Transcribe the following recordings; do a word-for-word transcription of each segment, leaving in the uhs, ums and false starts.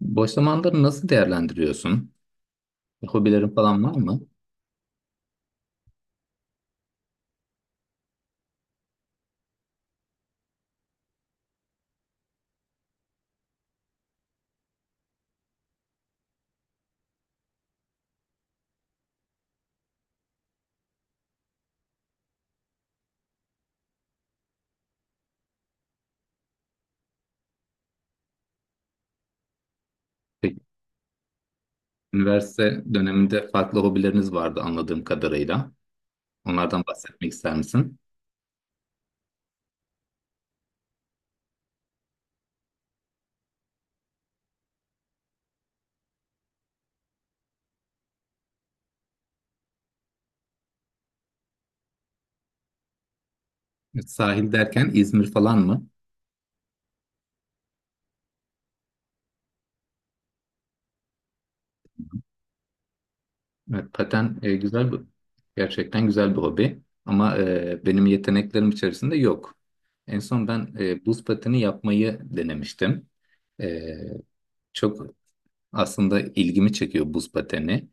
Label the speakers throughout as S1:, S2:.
S1: Boş zamanları nasıl değerlendiriyorsun? Hobilerin falan var mı? Peki, üniversite döneminde farklı hobileriniz vardı anladığım kadarıyla. Onlardan bahsetmek ister misin? E, Sahil derken İzmir falan mı? Evet, paten e, güzel bir, gerçekten güzel bir hobi. Ama e, benim yeteneklerim içerisinde yok. En son ben e, buz pateni yapmayı denemiştim. E, Çok aslında ilgimi çekiyor buz pateni.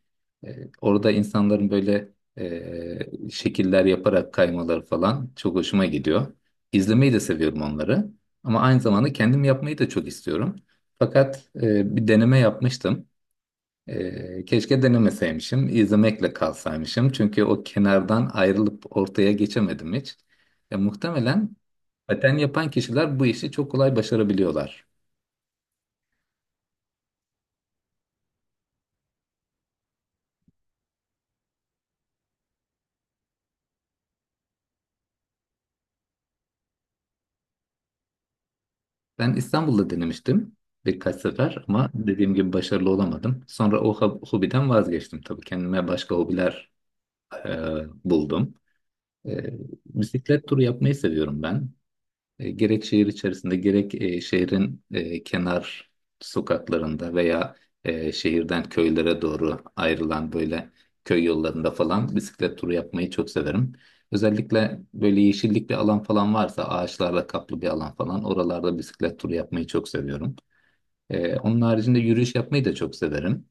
S1: Ee, orada insanların böyle e, şekiller yaparak kaymaları falan çok hoşuma gidiyor. İzlemeyi de seviyorum onları. Ama aynı zamanda kendim yapmayı da çok istiyorum. Fakat e, bir deneme yapmıştım. E, keşke denemeseymişim, izlemekle kalsaymışım. Çünkü o kenardan ayrılıp ortaya geçemedim hiç. Ya, muhtemelen paten yapan kişiler bu işi çok kolay başarabiliyorlar. Ben İstanbul'da denemiştim birkaç sefer ama dediğim gibi başarılı olamadım. Sonra o hob- hobiden vazgeçtim tabii. Kendime başka hobiler e, buldum. E, Bisiklet turu yapmayı seviyorum ben. E, gerek şehir içerisinde gerek e, şehrin e, kenar sokaklarında veya e, şehirden köylere doğru ayrılan böyle köy yollarında falan bisiklet turu yapmayı çok severim. Özellikle böyle yeşillik bir alan falan varsa ağaçlarla kaplı bir alan falan oralarda bisiklet turu yapmayı çok seviyorum. E, onun haricinde yürüyüş yapmayı da çok severim.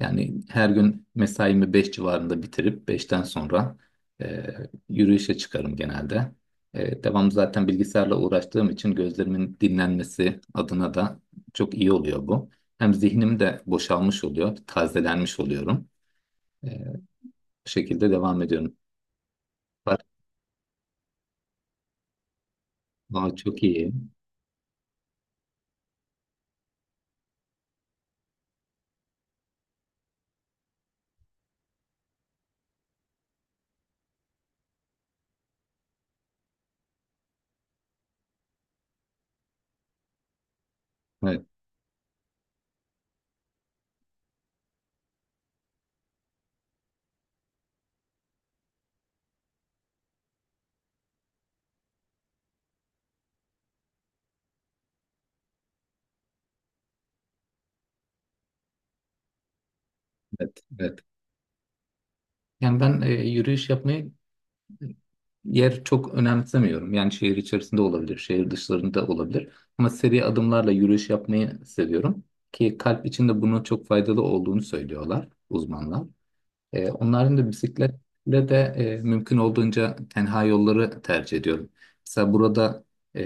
S1: Yani her gün mesaimi beş civarında bitirip beşten sonra e, yürüyüşe çıkarım genelde. E, devam zaten bilgisayarla uğraştığım için gözlerimin dinlenmesi adına da çok iyi oluyor bu. Hem zihnim de boşalmış oluyor, tazelenmiş oluyorum. E, Bu şekilde devam ediyorum. Var- Aa, çok iyi. Evet, evet, evet. Yani ben e, yürüyüş yapmayı yer çok önemsemiyorum. Yani şehir içerisinde olabilir, şehir dışlarında olabilir. Ama seri adımlarla yürüyüş yapmayı seviyorum. Ki kalp için de bunun çok faydalı olduğunu söylüyorlar uzmanlar. Ee, onların da bisikletle de e, mümkün olduğunca tenha yolları tercih ediyorum. Mesela burada e,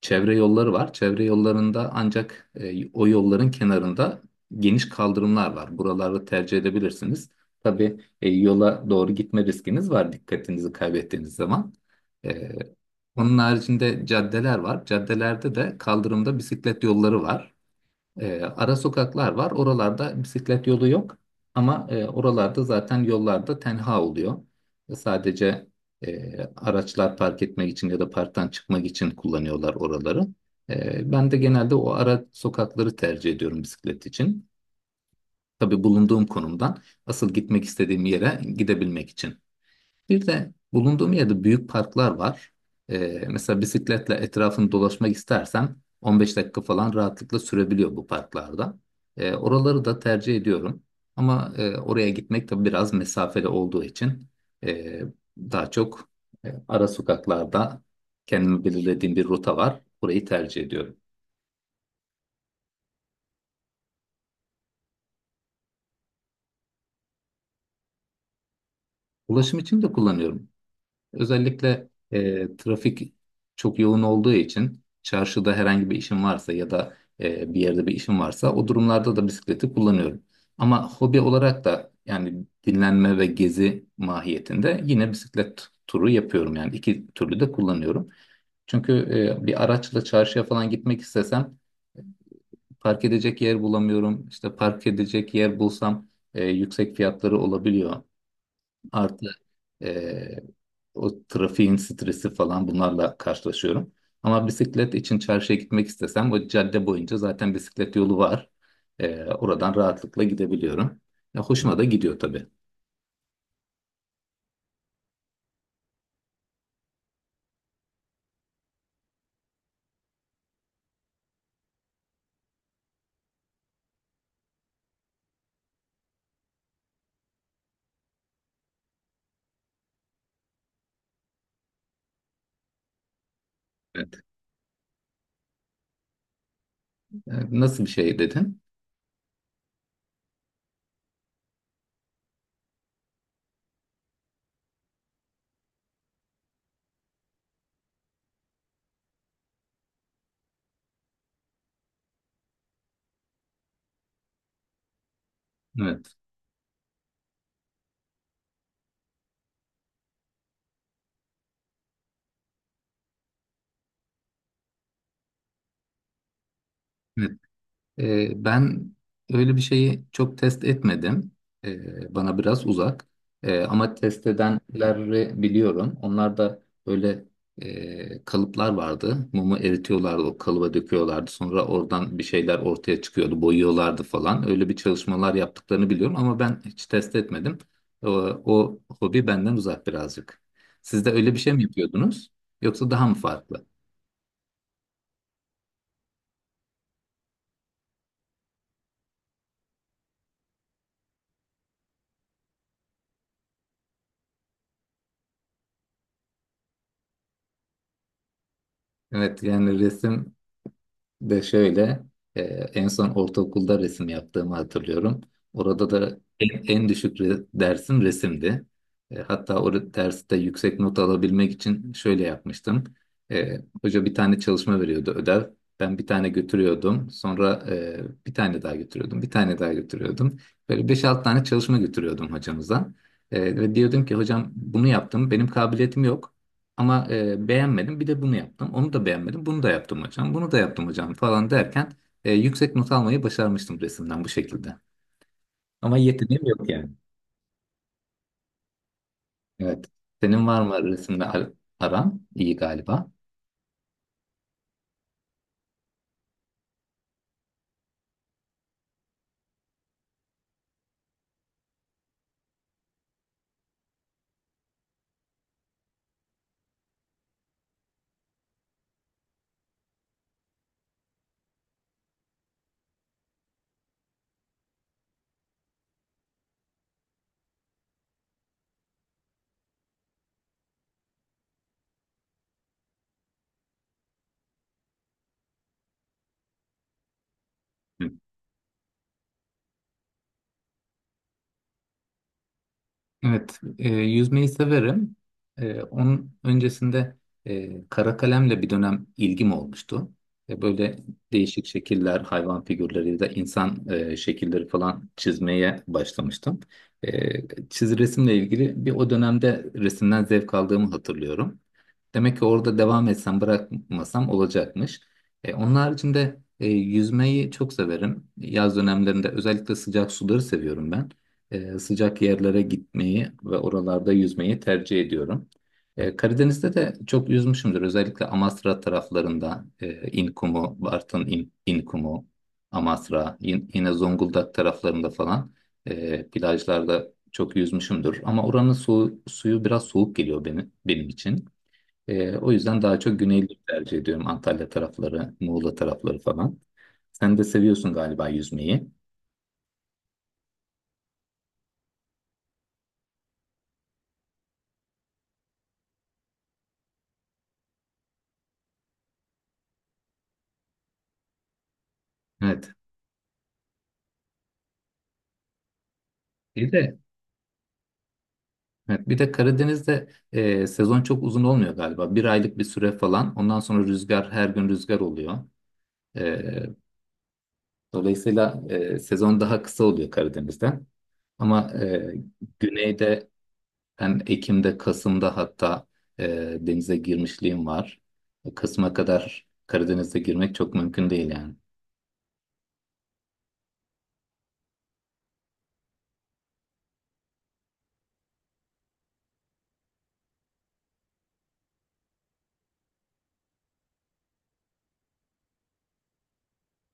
S1: çevre yolları var. Çevre yollarında ancak e, o yolların kenarında geniş kaldırımlar var. Buraları tercih edebilirsiniz. Tabii e, yola doğru gitme riskiniz var dikkatinizi kaybettiğiniz zaman. E, Onun haricinde caddeler var. Caddelerde de kaldırımda bisiklet yolları var. E, ara sokaklar var. Oralarda bisiklet yolu yok. Ama e, oralarda zaten yollarda tenha oluyor. Sadece e, araçlar park etmek için ya da parktan çıkmak için kullanıyorlar oraları. E, ben de genelde o ara sokakları tercih ediyorum bisiklet için. Tabii bulunduğum konumdan asıl gitmek istediğim yere gidebilmek için. Bir de bulunduğum yerde büyük parklar var. Ee, mesela bisikletle etrafını dolaşmak istersen on beş dakika falan rahatlıkla sürebiliyor bu parklarda. Ee, oraları da tercih ediyorum. Ama e, oraya gitmek tabii biraz mesafeli olduğu için e, daha çok e, ara sokaklarda kendime belirlediğim bir rota var. Orayı tercih ediyorum. Ulaşım için de kullanıyorum. Özellikle e, trafik çok yoğun olduğu için çarşıda herhangi bir işim varsa ya da e, bir yerde bir işim varsa o durumlarda da bisikleti kullanıyorum. Ama hobi olarak da yani dinlenme ve gezi mahiyetinde yine bisiklet turu yapıyorum. Yani iki türlü de kullanıyorum. Çünkü e, bir araçla çarşıya falan gitmek istesem park edecek yer bulamıyorum. İşte park edecek yer bulsam e, yüksek fiyatları olabiliyor. Artı eee, o trafiğin stresi falan bunlarla karşılaşıyorum. Ama bisiklet için çarşıya gitmek istesem bu cadde boyunca zaten bisiklet yolu var. Eee, oradan rahatlıkla gidebiliyorum. Ya, hoşuma da gidiyor tabii. Evet. E, Nasıl bir şey dedin? Evet. Ee, ben öyle bir şeyi çok test etmedim. Ee, bana biraz uzak. Ee, ama test edenleri biliyorum. Onlar da böyle e, kalıplar vardı. Mumu eritiyorlardı, o kalıba döküyorlardı. Sonra oradan bir şeyler ortaya çıkıyordu, boyuyorlardı falan. Öyle bir çalışmalar yaptıklarını biliyorum ama ben hiç test etmedim. O, o hobi benden uzak birazcık. Siz de öyle bir şey mi yapıyordunuz? Yoksa daha mı farklı? Evet, yani resim de şöyle e, en son ortaokulda resim yaptığımı hatırlıyorum. Orada da en, en düşük re- dersim resimdi. E, hatta o re- derste yüksek not alabilmek için şöyle yapmıştım. E, hoca bir tane çalışma veriyordu ödev. Ben bir tane götürüyordum. Sonra e, bir tane daha götürüyordum. Bir tane daha götürüyordum. Böyle beş altı tane çalışma götürüyordum hocamıza. E, ve diyordum ki hocam bunu yaptım. Benim kabiliyetim yok. Ama e, beğenmedim. Bir de bunu yaptım. Onu da beğenmedim. Bunu da yaptım hocam. Bunu da yaptım hocam falan derken e, yüksek not almayı başarmıştım resimden bu şekilde. Ama yeteneğim yok yani. Evet. Senin var mı resimle ar- aran? İyi galiba. Evet, e, yüzmeyi severim. E, onun öncesinde e, kara kalemle bir dönem ilgim olmuştu. E, böyle değişik şekiller, hayvan figürleri ya da insan e, şekilleri falan çizmeye başlamıştım. E, çiz resimle ilgili bir o dönemde resimden zevk aldığımı hatırlıyorum. Demek ki orada devam etsem, bırakmasam olacakmış. E, onun haricinde e, yüzmeyi çok severim. Yaz dönemlerinde özellikle sıcak suları seviyorum ben e, sıcak yerlere gitmeyi ve oralarda yüzmeyi tercih ediyorum. E, Karadeniz'de de çok yüzmüşümdür. Özellikle Amasra taraflarında e, İnkumu, Bartın İn, İnkumu, Amasra, yin- yine Zonguldak taraflarında falan e, plajlarda çok yüzmüşümdür. Ama oranın su, suyu biraz soğuk geliyor benim, benim için. E, o yüzden daha çok güneyleri tercih ediyorum. Antalya tarafları, Muğla tarafları falan. Sen de seviyorsun galiba yüzmeyi. Evet. Bir de evet, bir de Karadeniz'de e, sezon çok uzun olmuyor galiba. Bir aylık bir süre falan. Ondan sonra rüzgar her gün rüzgar oluyor. E, Dolayısıyla e, sezon daha kısa oluyor Karadeniz'de. Ama e, güneyde ben Ekim'de, Kasım'da hatta e, denize girmişliğim var. Kasım'a kadar Karadeniz'e girmek çok mümkün değil yani.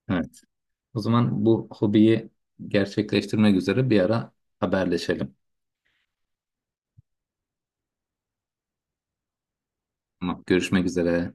S1: Evet. O zaman bu hobiyi gerçekleştirmek üzere bir ara haberleşelim. Tamam, görüşmek üzere.